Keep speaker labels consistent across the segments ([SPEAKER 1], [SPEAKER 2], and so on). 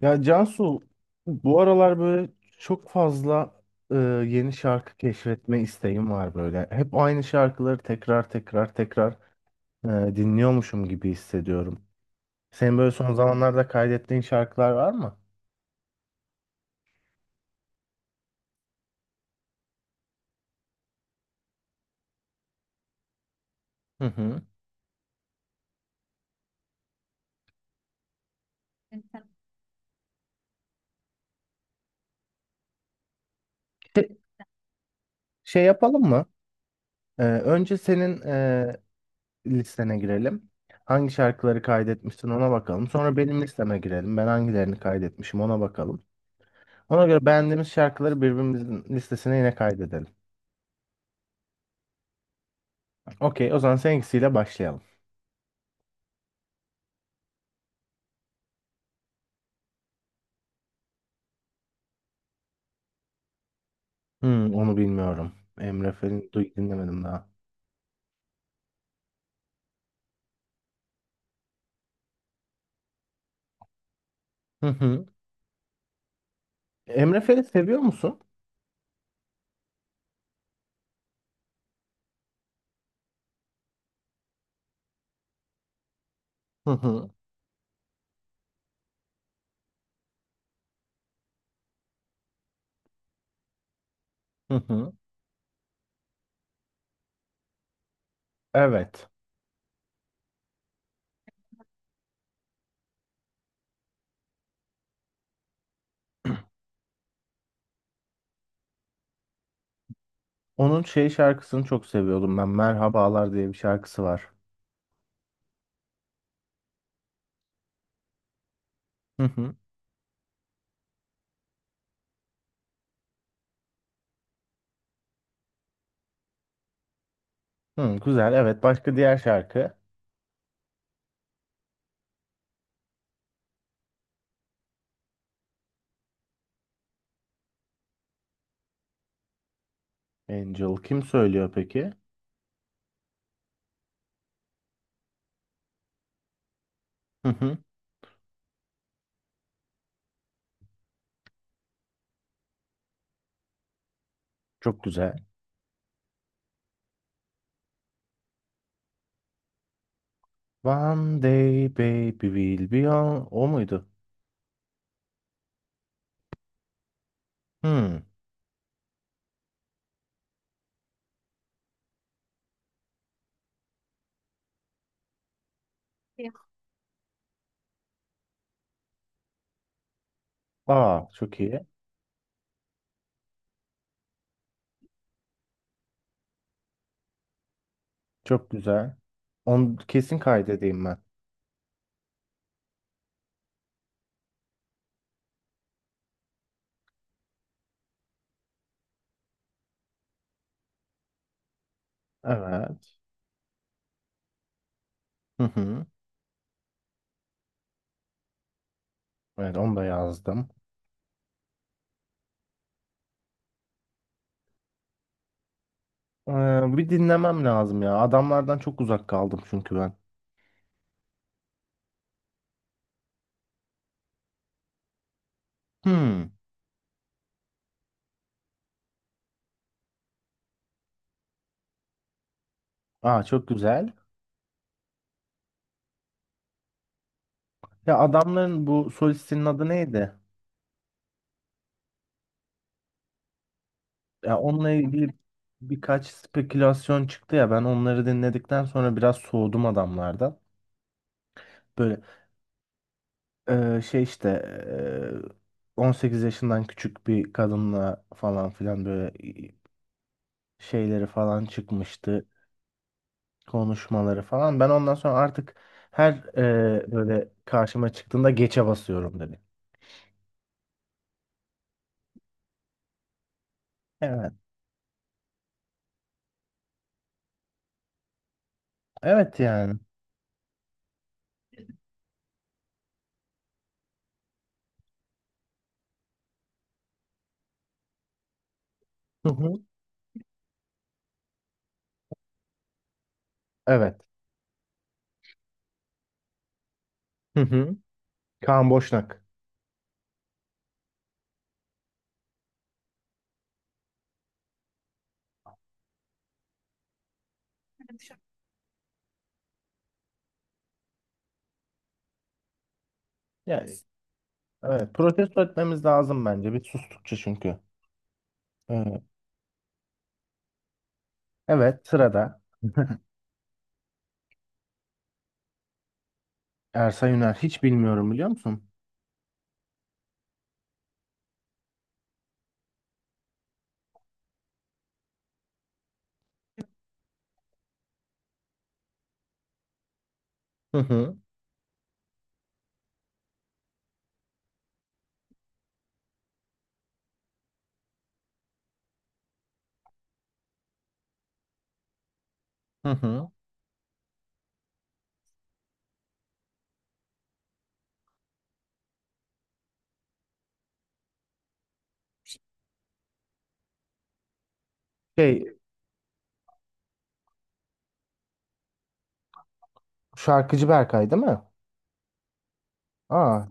[SPEAKER 1] Ya Cansu, bu aralar böyle çok fazla e, yeni şarkı keşfetme isteğim var böyle. Hep aynı şarkıları tekrar tekrar tekrar e, dinliyormuşum gibi hissediyorum. Senin böyle son zamanlarda kaydettiğin şarkılar var mı? Hı hı. Şey, şey yapalım mı? Önce senin listene girelim. Hangi şarkıları kaydetmişsin, ona bakalım. Sonra benim listeme girelim. Ben hangilerini kaydetmişim, ona bakalım. Ona göre beğendiğimiz şarkıları birbirimizin listesine yine kaydedelim. Okey, o zaman seninkisiyle başlayalım. Hmm, onu bilmiyorum. Emre Fel'i dinlemedim daha. Hı hı. Emre Fel'i seviyor musun? Hı hı. Hı hı. Evet. Onun şey şarkısını çok seviyordum ben. Merhabalar diye bir şarkısı var. Hı hı. Hı, güzel. Evet. Başka diğer şarkı. Angel kim söylüyor peki? Hı hı. Çok güzel. One day baby will be on. O muydu? Hı. Yok. Aa, çok iyi. Çok güzel. Onu kesin kaydedeyim ben. Evet. Hı hı. Evet, onu da yazdım. Bir dinlemem lazım ya. Adamlardan çok uzak kaldım çünkü ben. Hmm. Aa, çok güzel. Ya adamların bu solistinin adı neydi? Ya onunla ilgili birkaç spekülasyon çıktı ya. Ben onları dinledikten sonra biraz soğudum adamlardan. Böyle e, şey işte 18 yaşından küçük bir kadınla falan filan böyle şeyleri falan çıkmıştı. Konuşmaları falan. Ben ondan sonra artık her böyle karşıma çıktığında geçe basıyorum dedi. Evet. Evet yani. Hı hı. Evet. Hı hı. Kaan Boşnak. Yani, evet. Protesto etmemiz lazım bence. Bir sustukça çünkü. Evet. Evet. Sırada Ersa Yüner. Hiç bilmiyorum, biliyor musun? Hı hı. Hı hı. Şey, şarkıcı Berkay değil mi? Aa.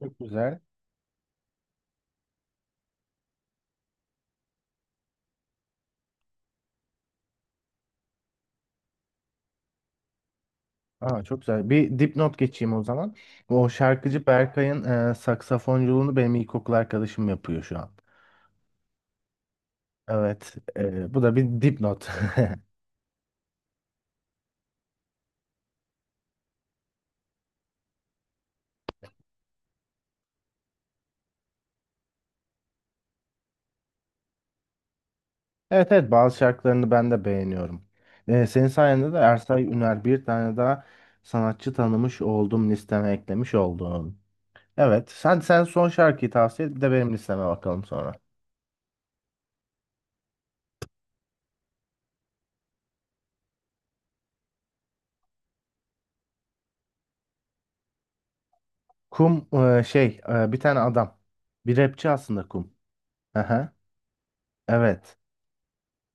[SPEAKER 1] Çok güzel. Aa, çok güzel. Bir dipnot geçeyim o zaman. O şarkıcı Berkay'ın saksafonculuğunu benim ilkokul arkadaşım yapıyor şu an. Evet, bu da bir dipnot. Evet, evet, bazı şarkılarını ben de beğeniyorum. Senin sayende de Ersay Üner, bir tane daha sanatçı tanımış oldum, listeme eklemiş oldum. Evet, sen son şarkıyı tavsiye et, bir de benim listeme bakalım sonra. Kum, bir tane adam. Bir rapçi aslında Kum. Aha, evet.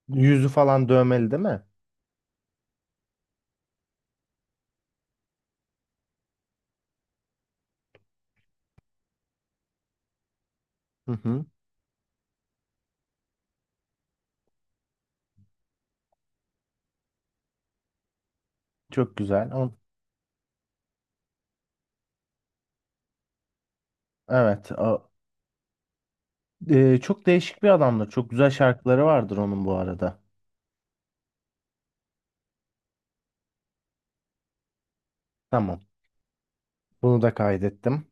[SPEAKER 1] Yüzü falan dövmeli değil mi? Hı hı. Çok güzel. Ama- Evet. Çok değişik bir adamdır. Çok güzel şarkıları vardır onun bu arada. Tamam. Bunu da kaydettim.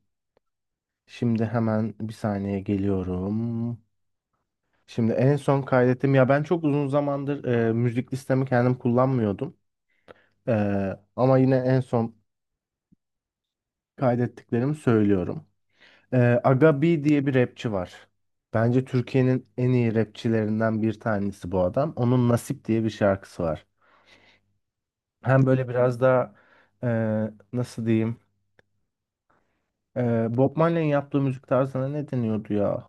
[SPEAKER 1] Şimdi hemen bir saniye geliyorum. Şimdi en son kaydettim. Ya, ben çok uzun zamandır müzik listemi kendim kullanmıyordum. E, Ama yine en son kaydettiklerimi söylüyorum. E, Aga B diye bir rapçi var. Bence Türkiye'nin en iyi rapçilerinden bir tanesi bu adam. Onun Nasip diye bir şarkısı var. Hem böyle biraz daha, nasıl diyeyim? Bob Marley'in yaptığı müzik tarzına ne deniyordu ya?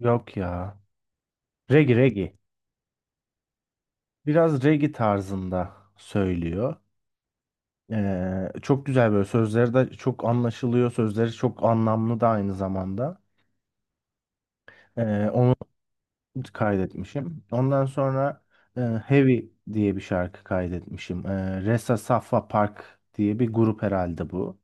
[SPEAKER 1] Yok ya. Reggae reggae. Biraz reggae tarzında söylüyor. Çok güzel, böyle sözleri de çok anlaşılıyor. Sözleri çok anlamlı da aynı zamanda. Onu kaydetmişim. Ondan sonra Heavy diye bir şarkı kaydetmişim. Resa Safa Park diye bir grup herhalde bu.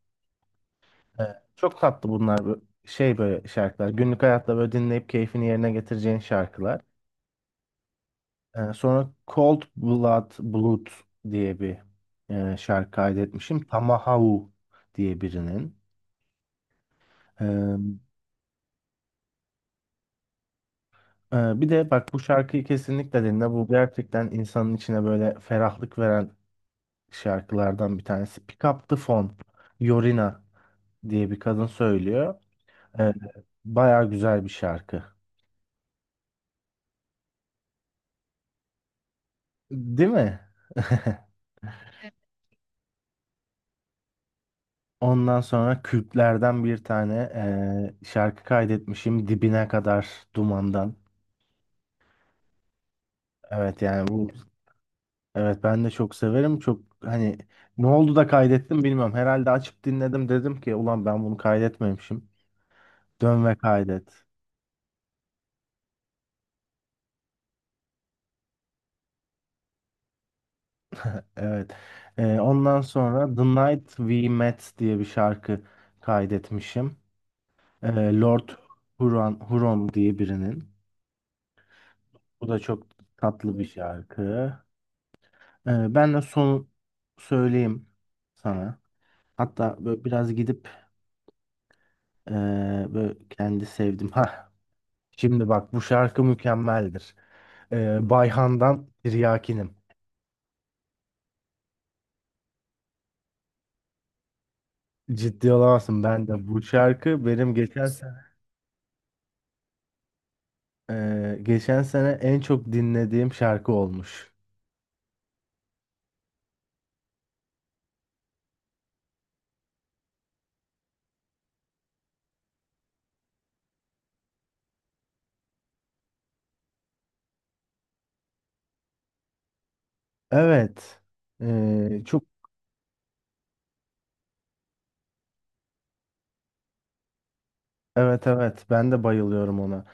[SPEAKER 1] Çok tatlı bunlar, şey böyle şarkılar. Günlük hayatta böyle dinleyip keyfini yerine getireceğin şarkılar. Sonra Cold Blood diye bir şarkı kaydetmişim. Tamahahu diye birinin. Ee, Bir de bak, bu şarkıyı kesinlikle dinle. Bu gerçekten insanın içine böyle ferahlık veren şarkılardan bir tanesi. Pick Up The Phone, Yorina diye bir kadın söylüyor. Ee, Bayağı güzel bir şarkı. Değil mi? Ondan sonra Kürtlerden bir tane şarkı kaydetmişim, Dibine Kadar Duman'dan. Evet yani bu, evet, ben de çok severim. Çok hani ne oldu da kaydettim bilmiyorum. Herhalde açıp dinledim dedim ki ulan ben bunu kaydetmemişim. Dön ve kaydet. Evet. Ondan sonra The Night We Met diye bir şarkı kaydetmişim. Lord Huron diye birinin. Bu da çok tatlı bir şarkı. Ben de son söyleyeyim sana. Hatta böyle biraz gidip ee, böyle kendi sevdim. Ha, şimdi bak, bu şarkı mükemmeldir. Bayhan'dan Tiryakinim. Ciddi olamazsın, ben de bu şarkı benim geçen sene, geçen sene en çok dinlediğim şarkı olmuş. Evet. Çok Evet, evet, ben de bayılıyorum ona.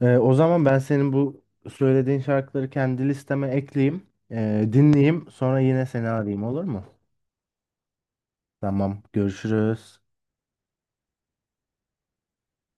[SPEAKER 1] O zaman ben senin bu söylediğin şarkıları kendi listeme ekleyeyim. Dinleyeyim. Sonra yine seni arayayım olur mu? Tamam, görüşürüz.